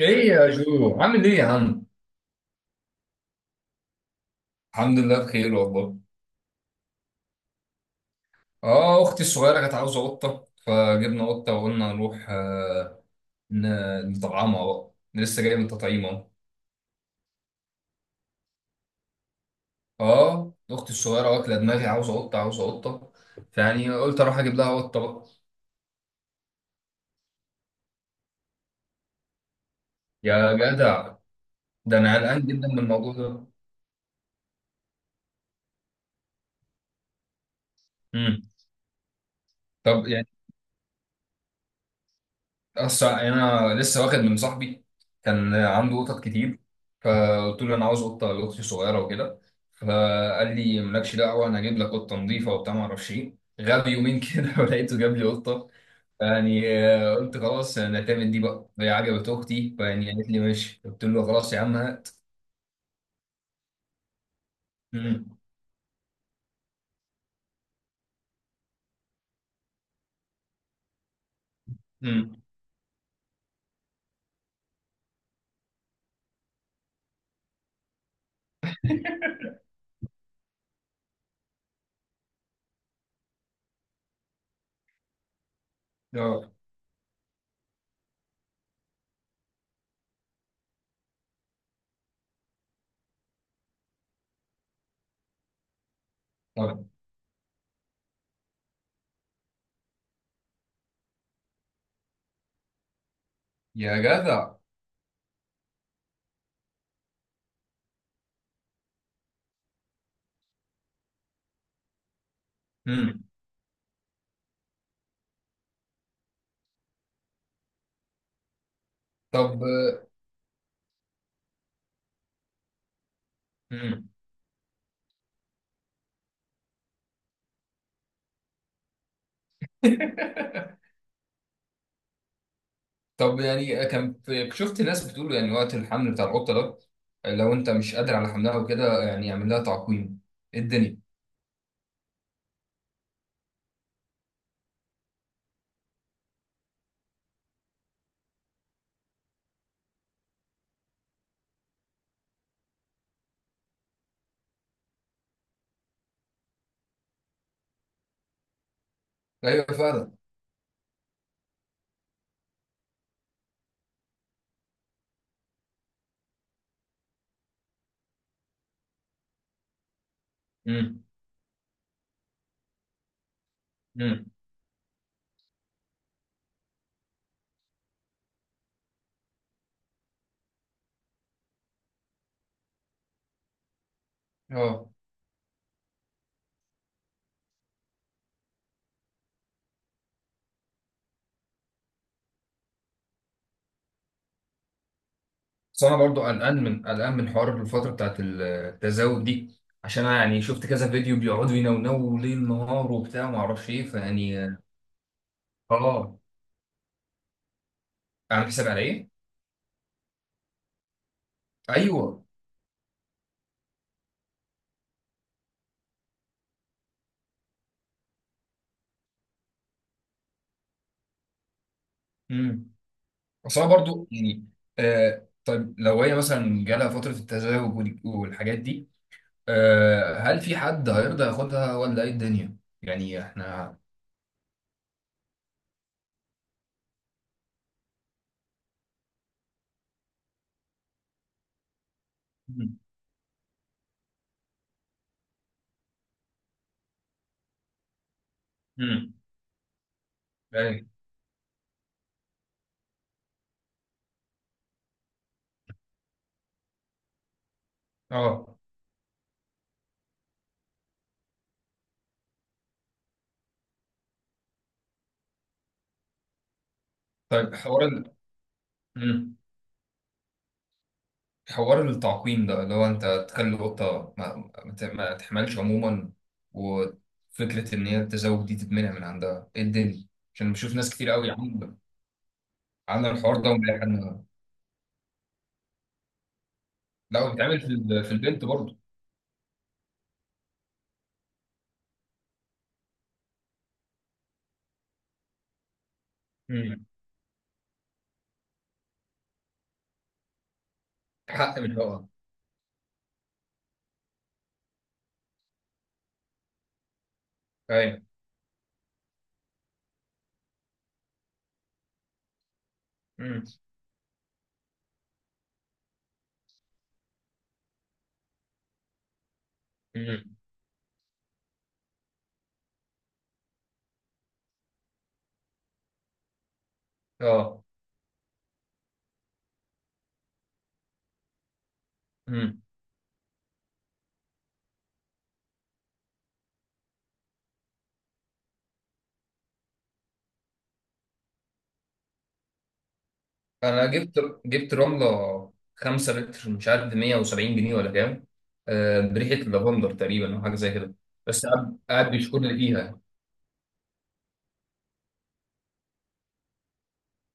ايه يا جو؟ عامل ايه يا عم؟ الحمد لله، بخير والله. اه، اختي الصغيره كانت عاوزه قطه، فجبنا قطه وقلنا نروح نطعمها بقى، لسه جاي من تطعيم اهو. اه، اختي الصغيره واكله دماغي عاوزه قطه عاوزه قطه، فيعني قلت اروح اجيب لها قطه بقى. يا جدع، ده انا قلقان جدا من الموضوع ده. امم. طب، أصل أنا لسه واخد من صاحبي، كان عنده قطط كتير، فقلت له أنا عاوز قطة لأختي صغيرة وكده، فقال لي مالكش دعوة، أنا هجيب لك قطة نظيفة وبتاع، معرفش إيه، غاب يومين كده ولقيته جاب لي قطة. يعني، قلت خلاص أنا هتعمل دي بقى، هي عجبت أختي، فيعني قالت لي ماشي، قلت له خلاص يا عم هات. أمم. أمم. آه. طب، يا جدع. أمم. طب. أمم. طب يعني، شفت ناس بتقول يعني وقت الحمل بتاع القطه ده، لو انت مش قادر على حملها وكده يعني اعمل لها تعقيم. إيه الدنيا؟ ايوه فعلا. امم. امم. اه. بس انا برضو قلقان من حوار الفتره بتاعت التزاوج دي، عشان انا يعني شفت كذا فيديو بيقعدوا ينونوا ليل نهار وبتاع، ما اعرفش ايه، فيعني. اه. اعمل حساب على ايه؟ ايوه. امم. بس انا برضو يعني، آه، طيب لو هي مثلا جالها فتره التزاوج والحاجات دي، أه، هل في حد هيرضى ياخدها ولا ايه الدنيا؟ يعني احنا. مم. مم. ايه. اه، طيب مم. حوار التعقيم ده اللي هو انت تخلي القطة ما تحملش عموما، وفكرة ان هي التزاوج دي تتمنع من عندها، ايه الدنيا؟ عشان بشوف ناس كتير قوي عامله الحوار ده ومضايق عنها. لا، في البنت برضه. مم. حق من الحقوق. ايوه. مم. مم. اه، انا جبت رمله 5 لتر، مش عارف ب 170 جنيه ولا كام، بريحه لافندر تقريبا او حاجه زي كده. بس قاعد قاعد بيشكر لي فيها.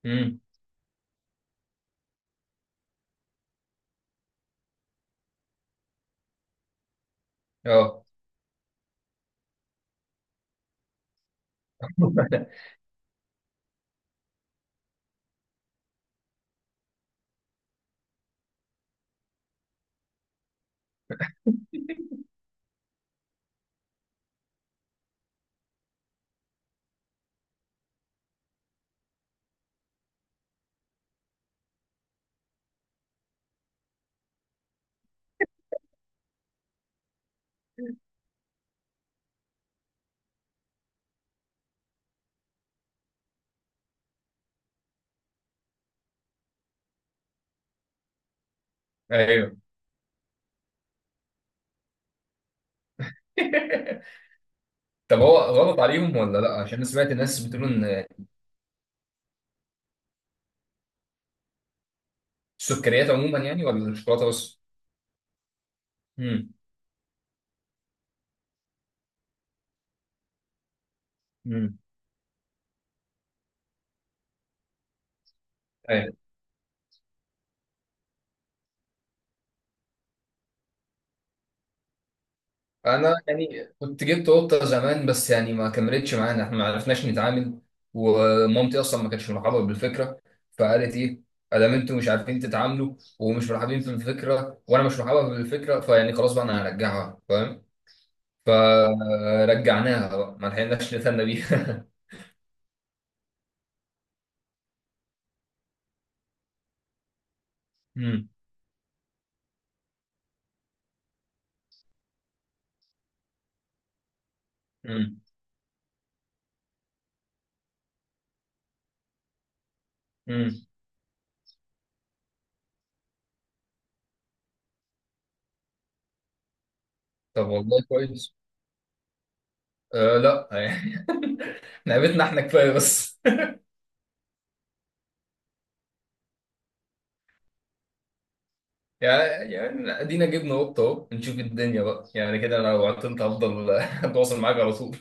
امم. اه. ايوه. طب هو غلط عليهم ولا لا؟ عشان أنا سمعت الناس بتقول ان السكريات عموما يعني، ولا الشوكولاته بس؟ امم. امم. انا يعني كنت جبت قطه زمان، بس يعني ما كملتش معانا، احنا ما عرفناش نتعامل، ومامتي اصلا ما كانتش مرحبه بالفكره. فقالت ايه؟ ادام انتوا مش عارفين تتعاملوا ومش مرحبين في الفكره، وانا مش مرحبه بالفكره، فيعني خلاص بقى انا هرجعها، فاهم. فرجعناها بقى، ما لحقناش نتهنى بيها. مم. مم. مم. طب والله كويس. آه، لا يعني لعبتنا احنا كفايه بس. يعني ادينا جبنا قطه اهو، نشوف الدنيا بقى، يعني كده انا لو عطلت هفضل اتواصل معاك على طول.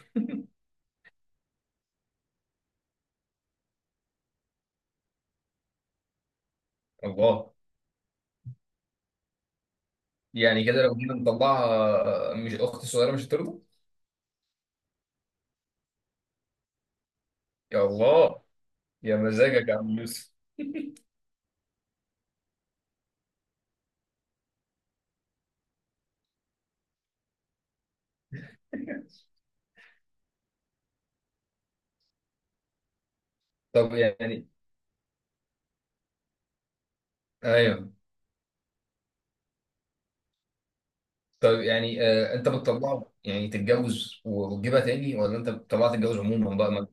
الله. يعني كده لو جينا نطلعها مش اختي الصغيره مش هترضى. يا الله. يا مزاجك يا عم يوسف. طب يعني. ايوه. طب يعني انت بتطلعه يعني تتجوز وتجيبها تاني، ولا انت بتطلعها تتجوز عموما بقى؟ ما.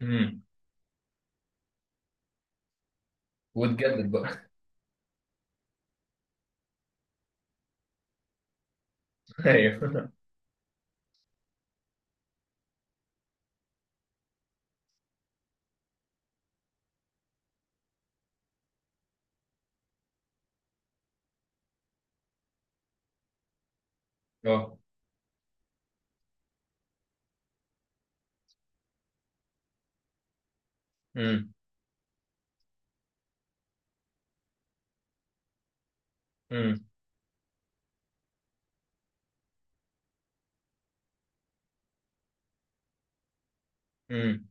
امم. وتجدد بقى. ايوه. اه. امم. امم. امم.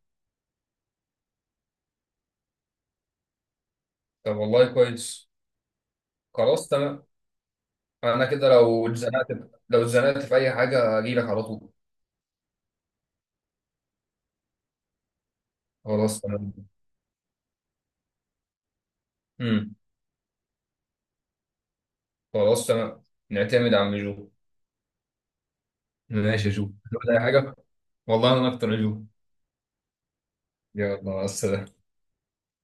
طب والله كويس. خلاص تمام. انا كده لو اتزنقت في اي حاجه اجيلك على طول. خلاص تمام. امم. خلاص تمام. نعتمد على جو. ماشي يا جو. تقول اي حاجه. والله انا اكتر يا جو. يلا، مع السلامة.